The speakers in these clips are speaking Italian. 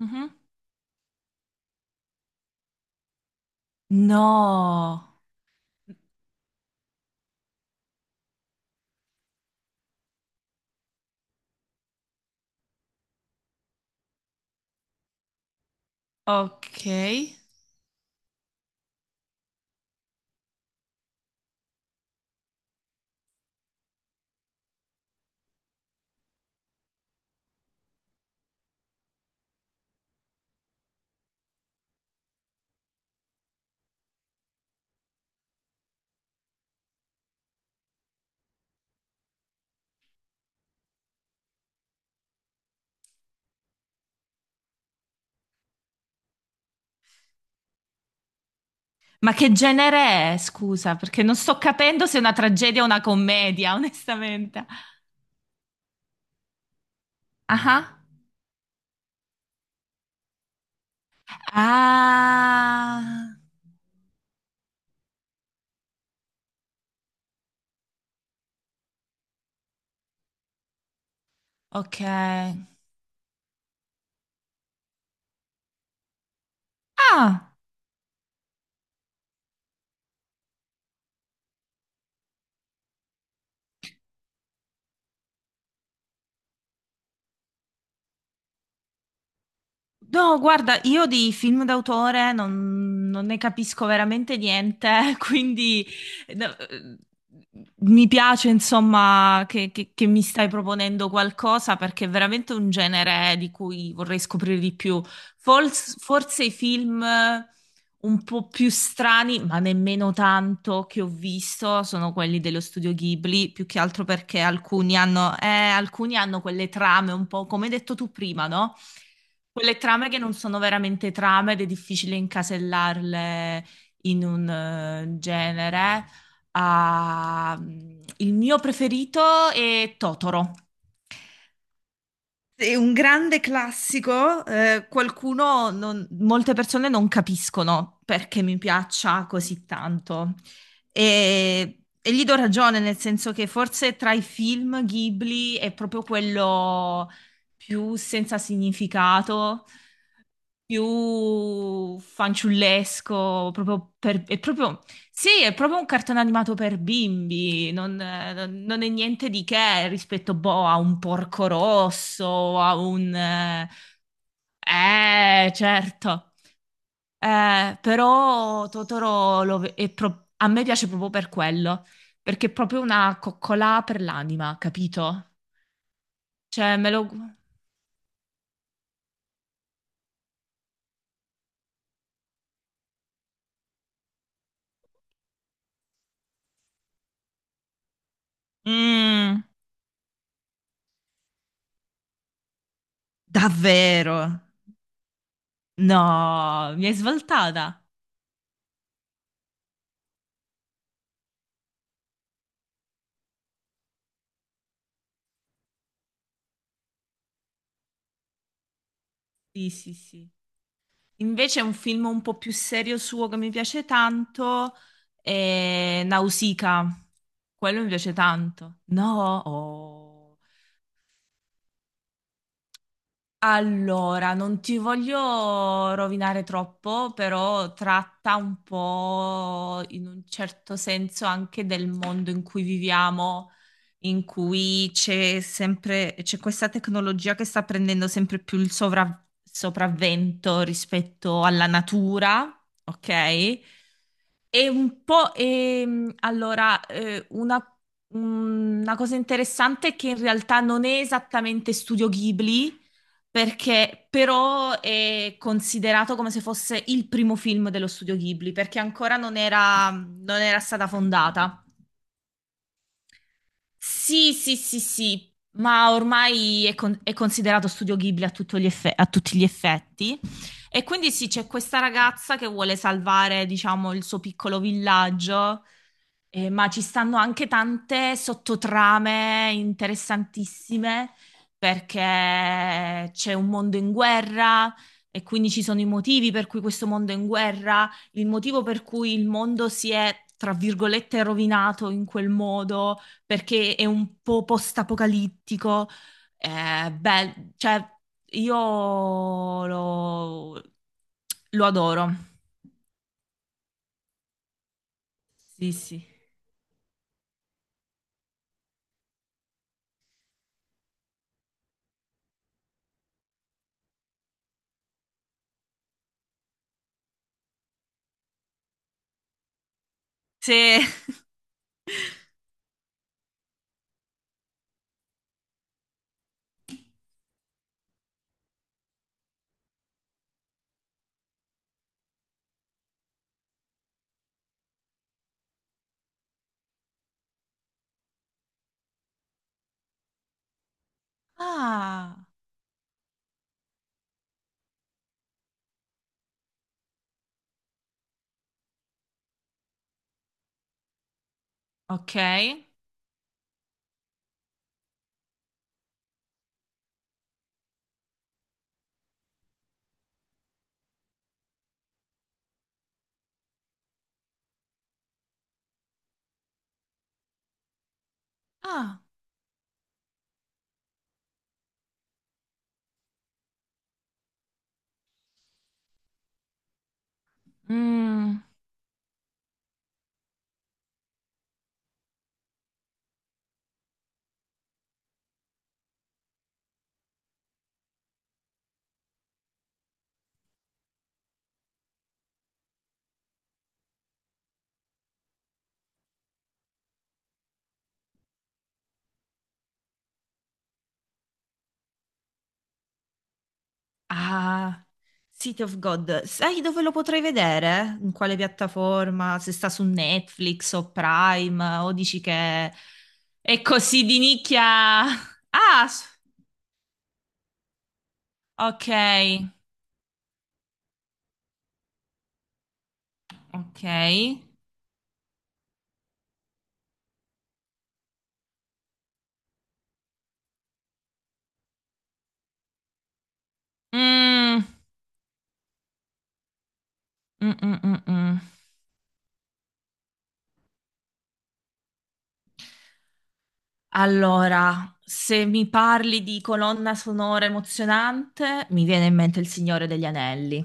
Mhm. No, ok. Ma che genere è, scusa, perché non sto capendo se è una tragedia o una commedia, onestamente. Ah, ah, ok. Ah, no, guarda, io di film d'autore non ne capisco veramente niente, quindi no, mi piace, insomma, che mi stai proponendo qualcosa perché è veramente un genere di cui vorrei scoprire di più. Forse i film un po' più strani, ma nemmeno tanto che ho visto, sono quelli dello studio Ghibli, più che altro perché alcuni hanno quelle trame un po', come hai detto tu prima, no? Quelle trame che non sono veramente trame ed è difficile incasellarle in un genere. Ah, il mio preferito è Totoro. È un grande classico, qualcuno, non- molte persone non capiscono perché mi piaccia così tanto. E gli do ragione, nel senso che forse tra i film Ghibli è proprio quello più senza significato, più fanciullesco, proprio per- è proprio sì, è proprio un cartone animato per bimbi, non, non è niente di che rispetto, boh, a un Porco Rosso, a un... certo. Però Totoro lo ve- è pro- a me piace proprio per quello, perché è proprio una coccola per l'anima, capito? Cioè, me lo... Mm, davvero? No, mi hai svoltata. Sì, sì, sì. Invece un film un po' più serio suo che mi piace tanto è Nausicaa. Quello mi piace tanto. No, oh. Allora, non ti voglio rovinare troppo, però tratta un po' in un certo senso anche del mondo in cui viviamo, in cui c'è sempre, c'è questa tecnologia che sta prendendo sempre più il sovra- sopravvento rispetto alla natura, ok? È un po', allora, una cosa interessante è che in realtà non è esattamente studio Ghibli, perché però è considerato come se fosse il primo film dello studio Ghibli, perché ancora non era stata fondata. Sì, sì, sì, sì, ma ormai è, con- è considerato studio Ghibli a, tutto gli effe- a tutti gli effetti. E quindi sì, c'è questa ragazza che vuole salvare, diciamo, il suo piccolo villaggio, ma ci stanno anche tante sottotrame interessantissime perché c'è un mondo in guerra e quindi ci sono i motivi per cui questo mondo è in guerra, il motivo per cui il mondo si è, tra virgolette, rovinato in quel modo perché è un po' post-apocalittico. Eh, bel- cioè, io lo, lo adoro. Sì, sì. Se- Ah, ok. Ah, mm, ah, City of God. Sai dove lo potrei vedere? In quale piattaforma? Se sta su Netflix o Prime? O dici che è così di nicchia? Ah, s- ok. Ok. Mm, mm, mm, mm, mm. Allora, se mi parli di colonna sonora emozionante, mi viene in mente Il Signore degli Anelli.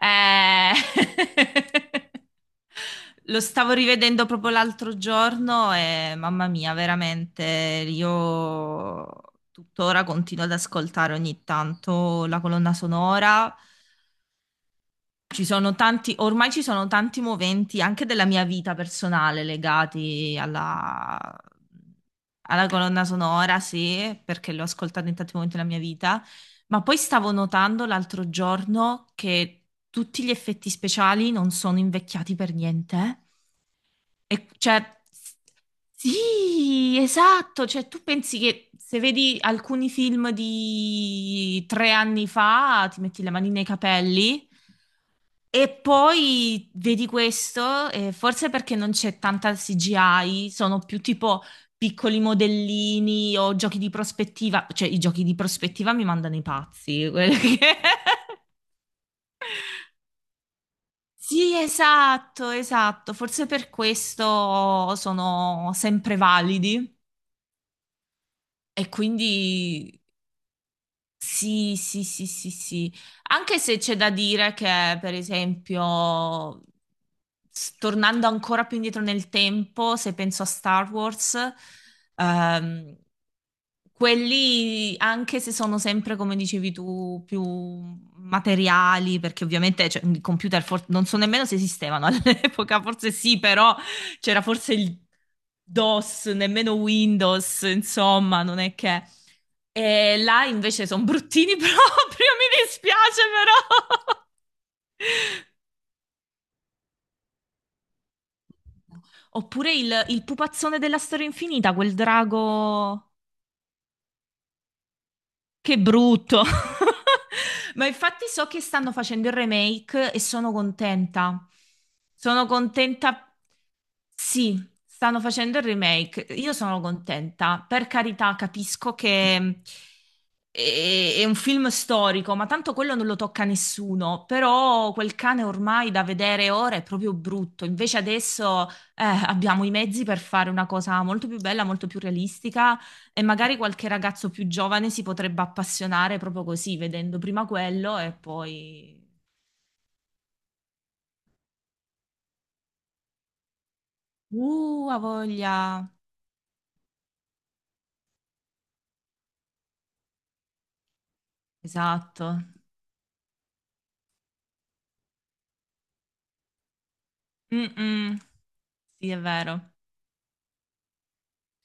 Eh, lo stavo rivedendo proprio l'altro giorno e mamma mia, veramente, io tuttora continuo ad ascoltare ogni tanto la colonna sonora. Ci sono tanti, ormai ci sono tanti moventi anche della mia vita personale legati alla, alla colonna sonora, sì, perché l'ho ascoltata in tanti momenti della mia vita, ma poi stavo notando l'altro giorno che tutti gli effetti speciali non sono invecchiati per niente. E cioè, s- sì, esatto. Cioè, tu pensi che se vedi alcuni film di 3 anni fa, ti metti le mani nei capelli e poi vedi questo, e forse perché non c'è tanta CGI, sono più tipo piccoli modellini o giochi di prospettiva, cioè i giochi di prospettiva mi mandano i pazzi. Quelli che- Sì, esatto, esatto, forse per questo sono sempre validi e quindi sì, sì, sì, sì, sì. Anche se c'è da dire che, per esempio, s- tornando ancora più indietro nel tempo, se penso a Star Wars, ehm, quelli, anche se sono sempre, come dicevi tu, più materiali, perché ovviamente, cioè, i computer for- non so nemmeno se esistevano all'epoca, forse sì, però c'era forse il DOS, nemmeno Windows, insomma, non è che... E là invece sono bruttini proprio, mi dispiace però. Oppure il pupazzone della storia infinita, quel drago... Che brutto! Ma infatti so che stanno facendo il remake e sono contenta. Sono contenta. Sì, stanno facendo il remake. Io sono contenta. Per carità, capisco che è un film storico, ma tanto quello non lo tocca nessuno. Però quel cane ormai da vedere ora è proprio brutto. Invece adesso abbiamo i mezzi per fare una cosa molto più bella, molto più realistica e magari qualche ragazzo più giovane si potrebbe appassionare proprio così, vedendo prima quello e poi... ha voglia! Esatto. Mm-mm. Sì, è vero.